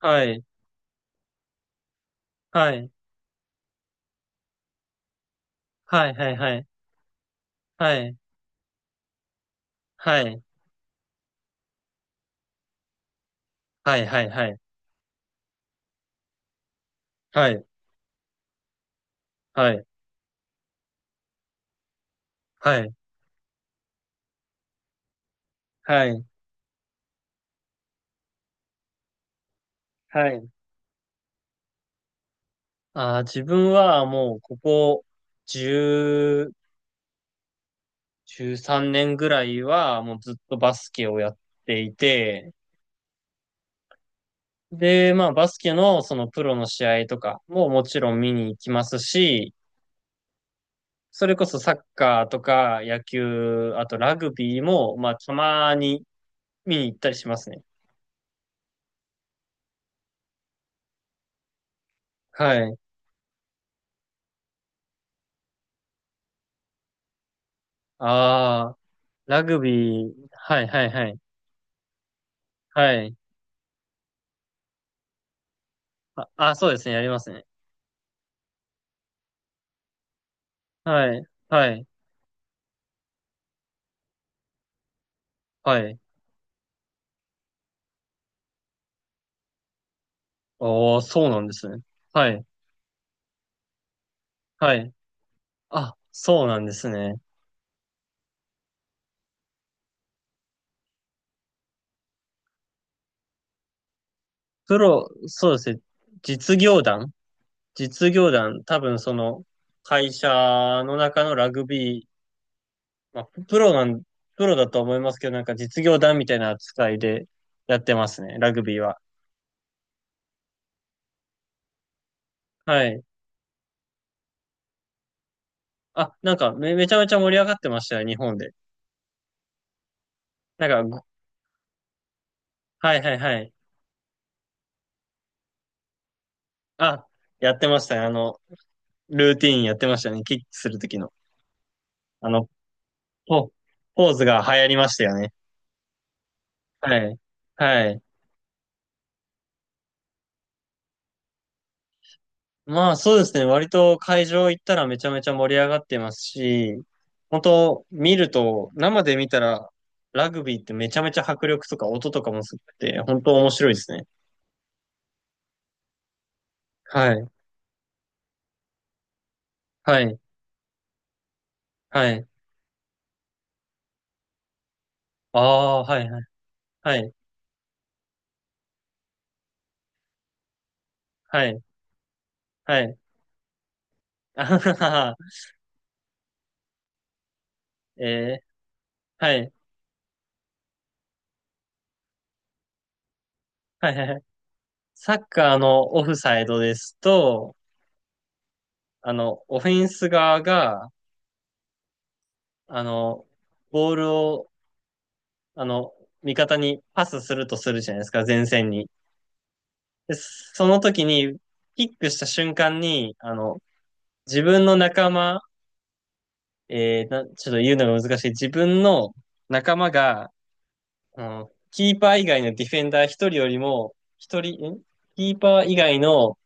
はい、はい、はい、はい、はい、はい、はい、はい、はい、はい、はい、はい、はい、はい、はい。自分はもうここ10、13年ぐらいはもうずっとバスケをやっていて、で、まあバスケのそのプロの試合とかももちろん見に行きますし、それこそサッカーとか野球、あとラグビーもまあたまに見に行ったりしますね。はい。ああ、ラグビー、はいはいはい。はい。あ、あ、そうですね。やりますね。はい。はい。はい。おー、そうなんですね。はい。はい。あ、そうなんですね。プロ、そうですね。実業団実業団、多分その会社の中のラグビー、まあ、プロなん、プロだと思いますけど、なんか実業団みたいな扱いでやってますね。ラグビーは。はい。あ、なんかめちゃめちゃ盛り上がってましたよ、日本で。なんか、はいはいはい。あ、やってましたね。ルーティーンやってましたね。キックするときの。あの、ポ、ポーズが流行りましたよね。はい。はい。まあそうですね。割と会場行ったらめちゃめちゃ盛り上がってますし、本当見ると、生で見たら、ラグビーってめちゃめちゃ迫力とか音とかもすごくて、本当面白いですね。はい。はい。はい。ああ、はい。はい。はい。はい。はい。あははは。えー、はい。はい。はい。サッカーのオフサイドですと、オフェンス側が、あの、ボールを、あの、味方にパスするとするじゃないですか、前線に。で、その時に、キックした瞬間に、自分の仲間、えーな、ちょっと言うのが難しい。自分の仲間が、キーパー以外のディフェンダー一人よりも、一人、キーパー以外の、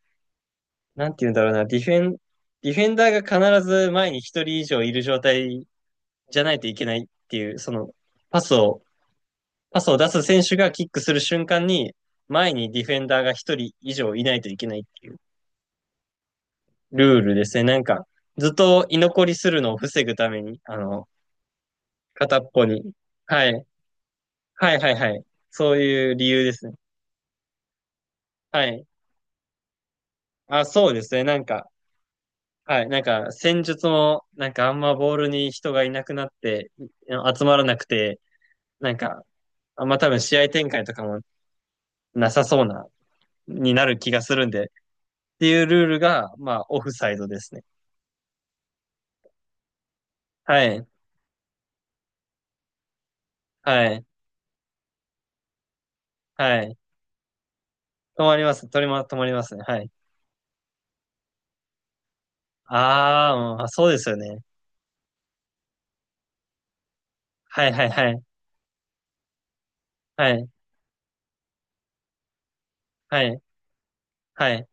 なんて言うんだろうな、ディフェンダーが必ず前に一人以上いる状態じゃないといけないっていう、パスを、パスを出す選手がキックする瞬間に、前にディフェンダーが一人以上いないといけないっていうルールですね。なんか、ずっと居残りするのを防ぐために、片っぽに。はい。はいはいはい。そういう理由ですね。はい。あ、そうですね。なんか、はい。なんか、戦術も、なんかあんまボールに人がいなくなって、集まらなくて、なんか、あんま多分試合展開とかもなさそうな、になる気がするんで、っていうルールが、まあ、オフサイドですね。はい。はい。はい。止まります。止まりますね。はい。ああ、うんあ、そうですよね。はいはいはい。はい。はい。はい。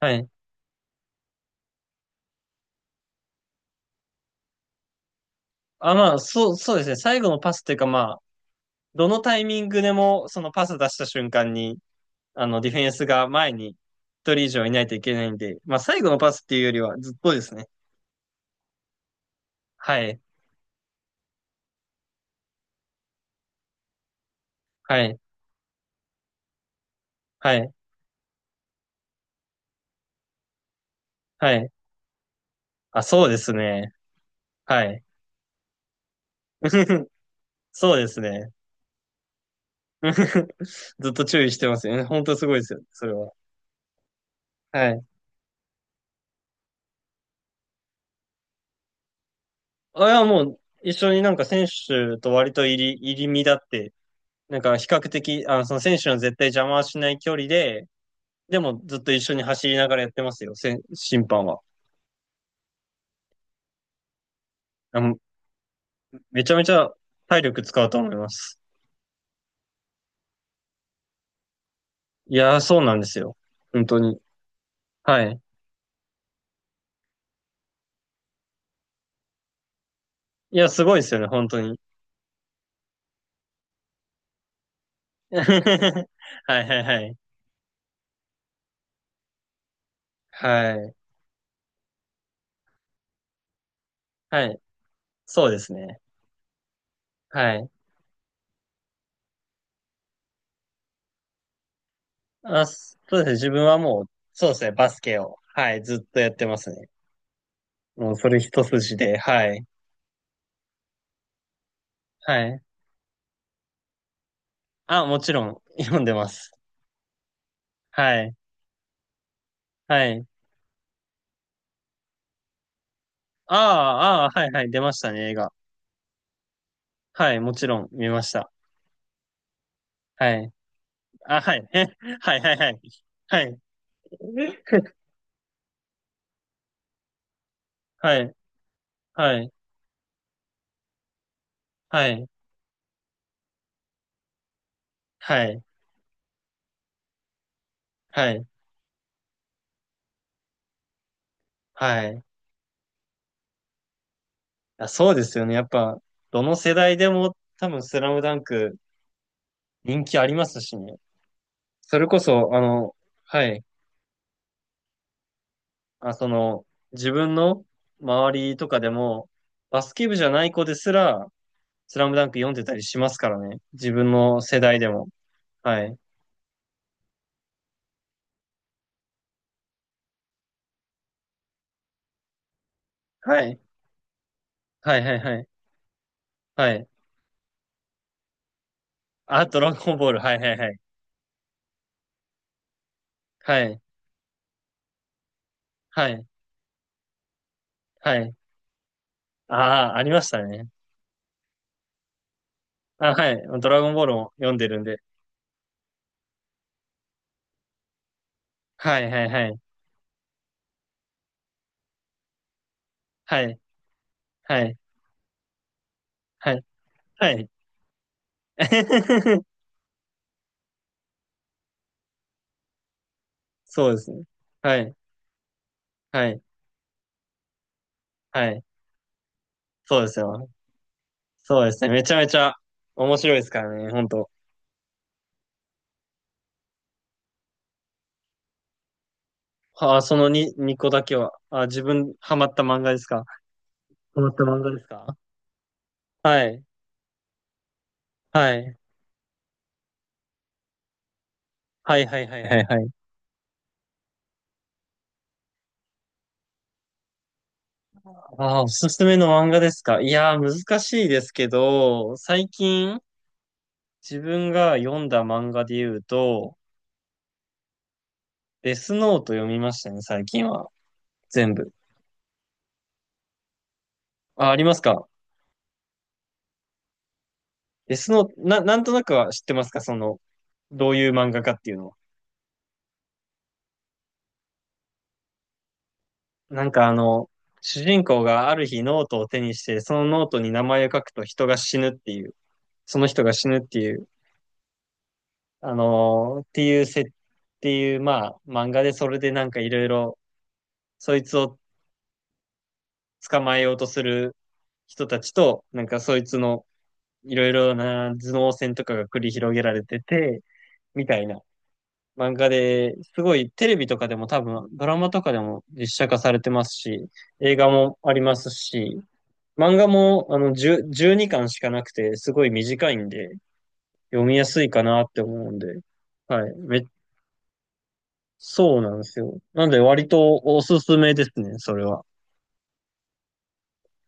はい。あ、まあ、そうですね。最後のパスっていうか、まあ、どのタイミングでも、そのパス出した瞬間に、ディフェンスが前に一人以上いないといけないんで、まあ、最後のパスっていうよりはずっとですね。はい。はい。はい。はい。あ、そうですね。はい。そうですね。ずっと注意してますよね。本当すごいですよねそれは。はい。あ、いや、もう、一緒になんか選手と割と入り身だって、なんか比較的、その選手の絶対邪魔はしない距離で、でもずっと一緒に走りながらやってますよ、審判は。あの、めちゃめちゃ体力使うと思います。いやー、そうなんですよ。本当に。はい。いや、すごいですよね、本当に。はいはいはい。はい。はい。そうですね。はい。あ、そうですね。自分はもう、そうですね。バスケを、はい、ずっとやってますね。もうそれ一筋で、はい。はい。あ、もちろん、読んでます。はい。はい。ああ、ああ、はい、はい、出ましたね、映画。はい、もちろん、見ました。はい。あ、はい。はい、はい、はい。はい。はい、はい、はい、はい、はい、はい。あ、そうですよね。やっぱ、どの世代でも多分スラムダンク人気ありますしね。それこそ、はい。あ、自分の周りとかでも、バスケ部じゃない子ですら、スラムダンク読んでたりしますからね。自分の世代でも。はい。はい。はい、はい、はい。はい。あ、ドラゴンボール。はい、はい、はい。はい。はい。はい。ああ、ありましたね。あ、はい。ドラゴンボールも読んでるんで。はい、はい、はい。はい、はい、はい、はい。そうですね。はい、はい、はい。そうですよ。そうですね。めちゃめちゃ面白いですからね、本当。はあ、その2個だけは。あ、自分、ハマった漫画ですか？ハマった漫画ですか？はい。はい。はいはいはいはいはい。ああ、おすすめの漫画ですか？いやー、難しいですけど、最近、自分が読んだ漫画で言うと、デスノート読みましたね、最近は。全部。あ、ありますか？デスノート、なんとなくは知ってますか？その、どういう漫画かっていうのは。なんか主人公がある日ノートを手にして、そのノートに名前を書くと人が死ぬっていう。その人が死ぬっていう、あのーっていうせ、っていう、まあ、漫画でそれでなんかいろいろ、そいつを捕まえようとする人たちと、なんかそいつのいろいろな頭脳戦とかが繰り広げられてて、みたいな漫画で、すごいテレビとかでも多分、ドラマとかでも実写化されてますし、映画もありますし、漫画も10 12巻しかなくて、すごい短いんで、読みやすいかなって思うんで、はい。そうなんですよ。なんで割とおすすめですね、それは。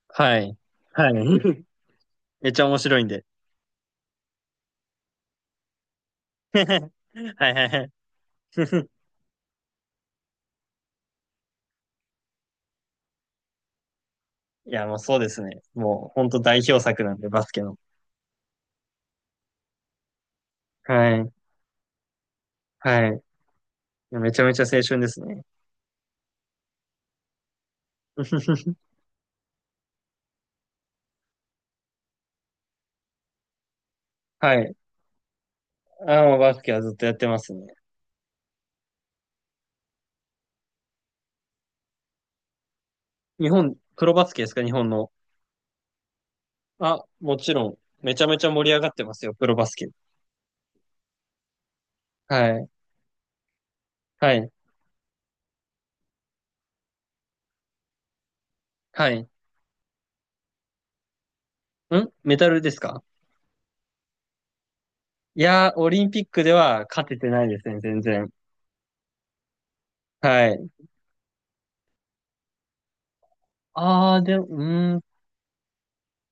はい。はい。めっちゃ面白いんで。はいはいはい。いや、もうそうですね。もう本当代表作なんで、バスケの。はい。はい。いやめちゃめちゃ青春ですね。はい。あ、もうバスケはずっとやってますね。日本、プロバスケですか、日本の？あ、もちろん。めちゃめちゃ盛り上がってますよ、プロバスケ。はい。はい。はい。メダルですか？いやー、オリンピックでは勝ててないですね、全然。はい。ああ、でも、うーん。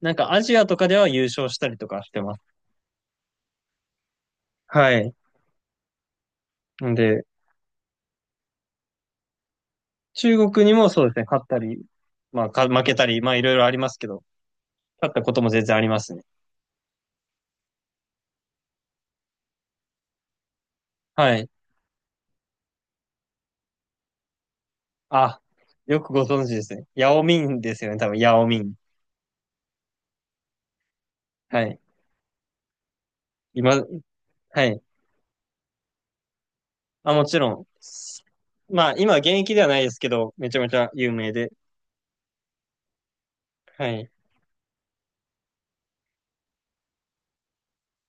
なんかアジアとかでは優勝したりとかしてます。はい。んで、中国にもそうですね、勝ったり、まあ、負けたり、まあ、いろいろありますけど、勝ったことも全然ありますね。はい。あ、よくご存知ですね。ヤオミンですよね、多分、ヤオミン。はい。今、はい。あ、もちろん。まあ、今現役ではないですけど、めちゃめちゃ有名で。はい。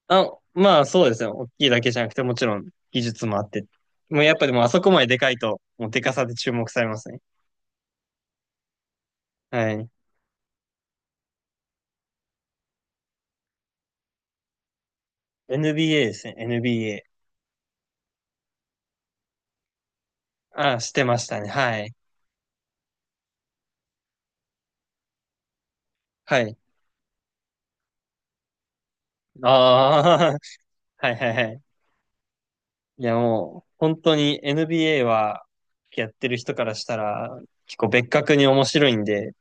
あ、まあそうですね。大きいだけじゃなくて、もちろん技術もあって。もうやっぱでもあそこまででかいと、もうでかさで注目されますね。はい。NBA ですね。NBA。あ、してましたね。はい。はい。ああ、はいはいはい。いやもう、本当に NBA は、やってる人からしたら、結構別格に面白いんで、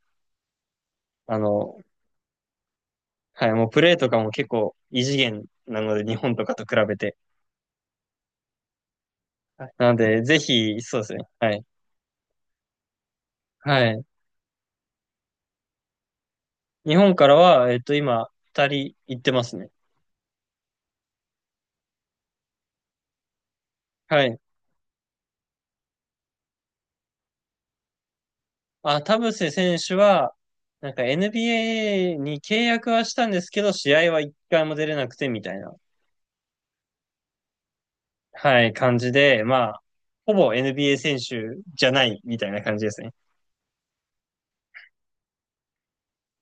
あの、はい、もうプレーとかも結構異次元なので、日本とかと比べて。はいなので、ぜひ、そうですね。はい。はい。日本からは、今、二人行ってますね。はい。あ、田臥選手は、なんか NBA に契約はしたんですけど、試合は一回も出れなくてみたいな、はい、感じで、まあ、ほぼ NBA 選手じゃないみたいな感じですね。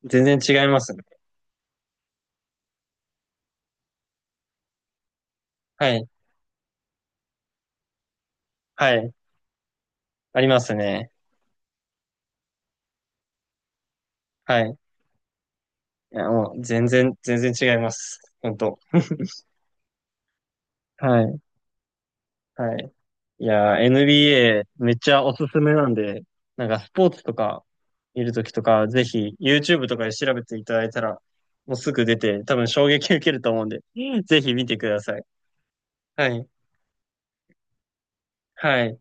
全然違いますね。はい、はい、ありますね。はい。いや、もう、全然、全然違います。本当。はい、はい。いやー、NBA めっちゃおすすめなんで、なんかスポーツとか見るときとか、ぜひ YouTube とかで調べていただいたら、もうすぐ出て、多分衝撃受けると思うんで、ぜひ見てください。はい。はい。